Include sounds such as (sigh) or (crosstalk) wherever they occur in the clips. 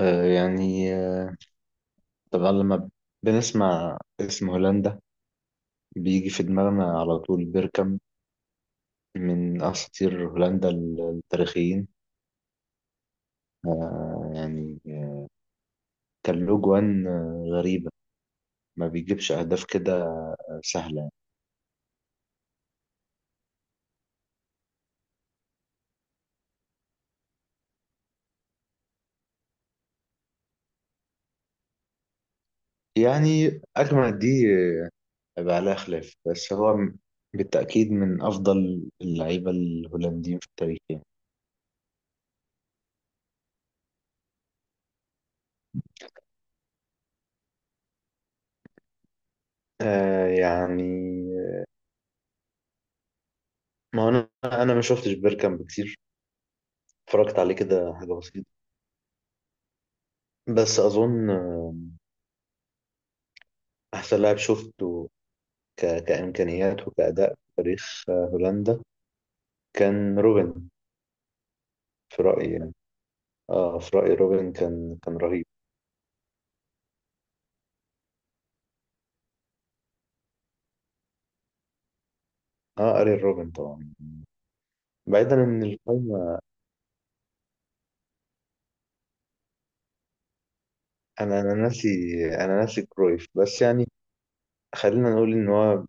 يعني طبعا لما بنسمع اسم هولندا بيجي في دماغنا على طول بيركامب، من أساطير هولندا التاريخيين. يعني كان له جوان غريبة، ما بيجيبش أهداف كده سهلة. يعني أجمل دي آه، بقى لها خلاف، بس هو بالتأكيد من أفضل اللعيبة الهولنديين في التاريخ يعني. يعني ما هو أنا ما شفتش بيركامب كتير، اتفرجت عليه كده حاجة بسيطة. بس أظن أحسن لاعب شفته كإمكانيات وكأداء في تاريخ هولندا كان روبن، في رأيي يعني. اه في رأيي روبن كان رهيب. اه أرين روبن طبعا. بعيدا عن القايمة، أنا أنا ناسي أنا ناسي كرويف، بس يعني خلينا نقول إن هو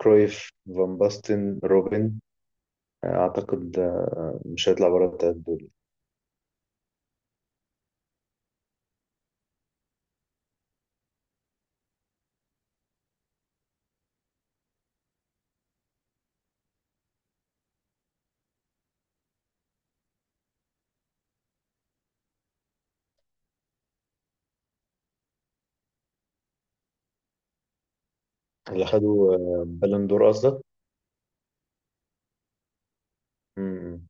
كرويف، فان باستن، روبن، أعتقد مش هيطلع بره التلات دول. اللي خدوا بالون دور قصدك؟ مم.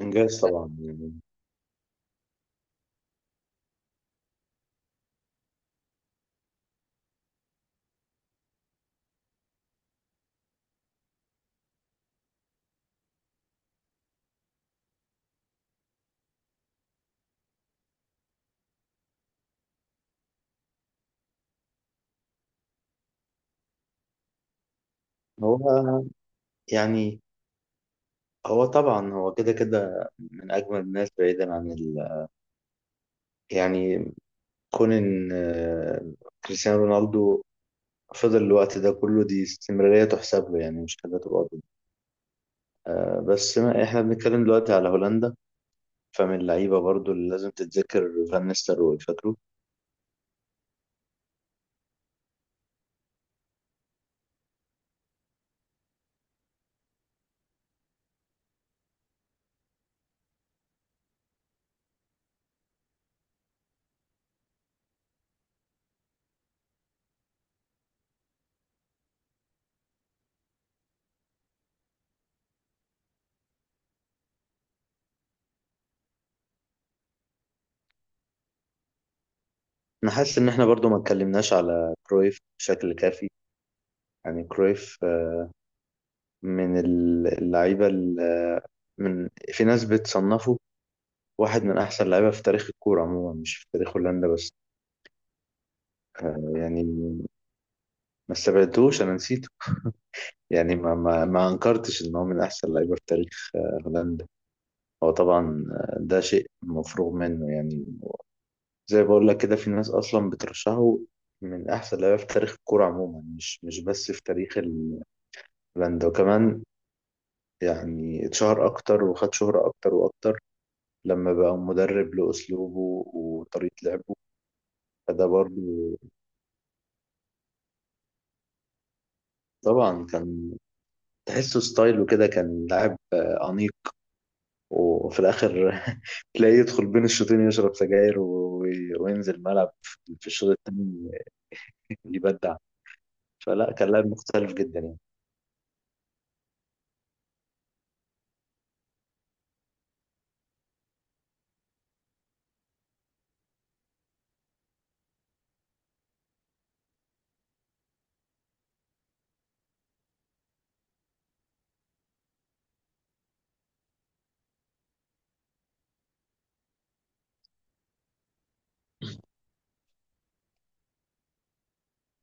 إنجاز طبعا يعني. هو يعني هو طبعا، هو كده كده من أجمل الناس بعيدا عن يعني، كون إن كريستيانو رونالدو فضل الوقت ده كله، دي استمرارية تحسب له يعني، مش حاجة تبقى ضد. بس ما إحنا بنتكلم دلوقتي على هولندا، فمن اللعيبة برضو اللي لازم تتذكر فان نيستلروي، فاكره؟ أنا حاسس إن إحنا برضو ما اتكلمناش على كرويف بشكل كافي. يعني كرويف من اللعيبة من، في ناس بتصنفه واحد من أحسن اللعيبة في تاريخ الكورة عموما، مش في تاريخ هولندا بس. يعني ما استبعدتهوش، انا نسيته. يعني ما انكرتش ان هو من احسن لعيبه في تاريخ هولندا. هو طبعا ده شيء مفروغ منه يعني. زي بقول لك كده، في ناس اصلا بترشحه من احسن لعيبه في تاريخ الكوره عموما، مش بس في تاريخ هولندا وكمان. يعني اتشهر اكتر وخد شهره اكتر واكتر لما بقى مدرب لاسلوبه وطريقه لعبه. فده برضه طبعا كان، تحسه ستايله كده، كان لاعب أنيق، وفي الاخر (laughs) تلاقيه يدخل بين الشوطين يشرب سجاير وينزل الملعب في الشوط الثاني يبدع. فلا، كان لاعب مختلف جدا يعني.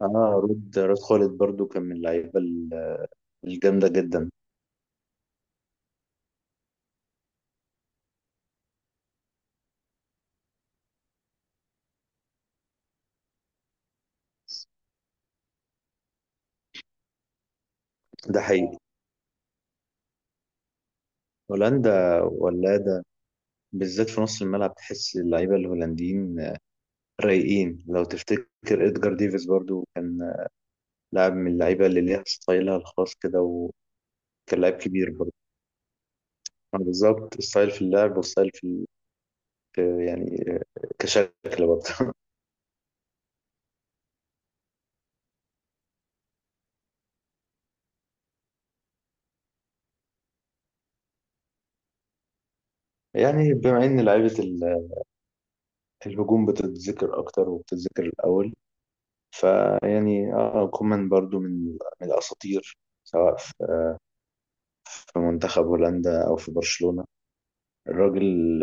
اه، رود خالد برضو كان من اللعيبه الجامده جدا. ده حقيقي. هولندا ولاده، بالذات في نص الملعب تحس اللعيبه الهولنديين رايقين. لو تفتكر ادجار ديفيز برضو كان لاعب من اللعيبه اللي ليها ستايلها الخاص كده، وكان لاعب كبير برضو. بالظبط، ستايل في اللعب وستايل في يعني كشكل برضه (laughs) يعني بما ان لعيبه الهجوم بتتذكر اكتر وبتتذكر الاول، فيعني اه كومان برضو من الاساطير سواء في منتخب هولندا او في برشلونه الراجل.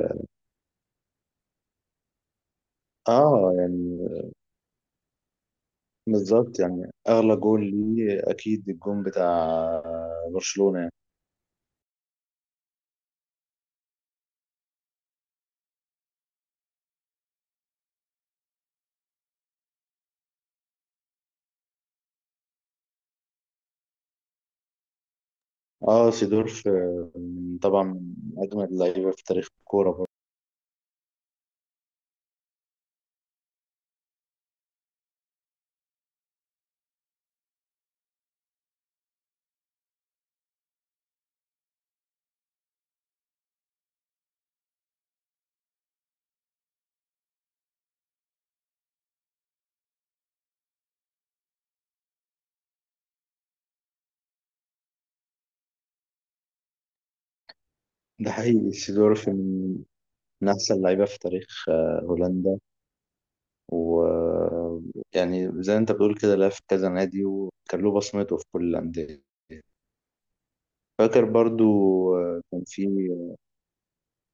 اه يعني بالظبط، يعني اغلى جول ليه اكيد الجون بتاع برشلونه يعني. اه سيدورف طبعا من اجمل اللعيبه في تاريخ الكوره برضه. ده حقيقي، سيدورف من احسن اللعيبه في تاريخ هولندا. ويعني زي ما انت بتقول كده لعب في كذا نادي وكان له بصمته في كل الأندية. فاكر برضو كان في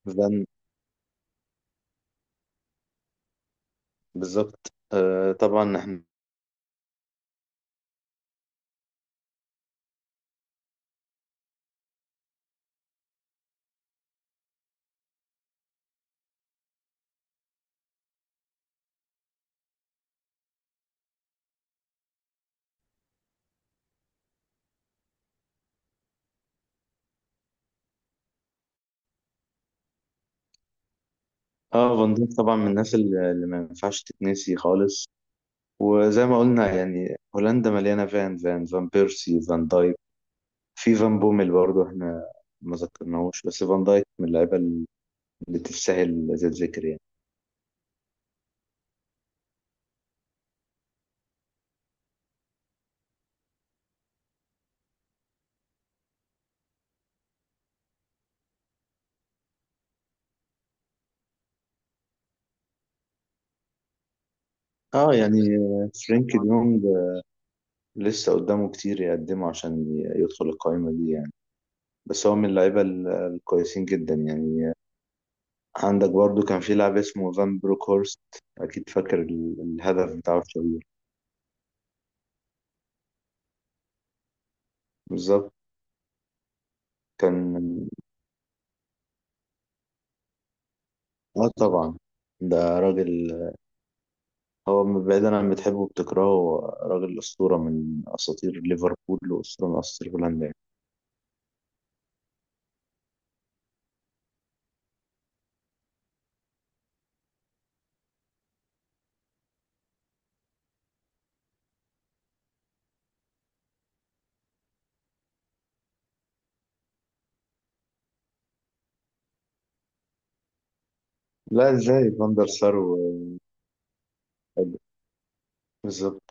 فان، بالظبط طبعا احنا. اه فان ديك طبعا من الناس اللي ما ينفعش تتنسي خالص. وزي ما قلنا يعني هولندا مليانة فان فان، فان بيرسي، فان دايك، في فان بوميل برضو احنا ما ذكرناهوش، بس فان دايك من اللعيبة اللي تستاهل زي الذكر يعني. اه يعني فرينك ديونج لسه قدامه كتير يقدمه عشان يدخل القائمة دي يعني، بس هو من اللعيبة الكويسين جدا يعني. عندك برضو كان في لاعب اسمه فان بروك هورست، أكيد فاكر الهدف بتاعه الشهير. بالظبط. كان طبعا، ده راجل، هو بعيدا عن بتحبه وبتكرهه، هو راجل أسطورة من أساطير ليفربول وأسطورة من أساطير هولندا يعني. لا إزاي فاندر سار بالظبط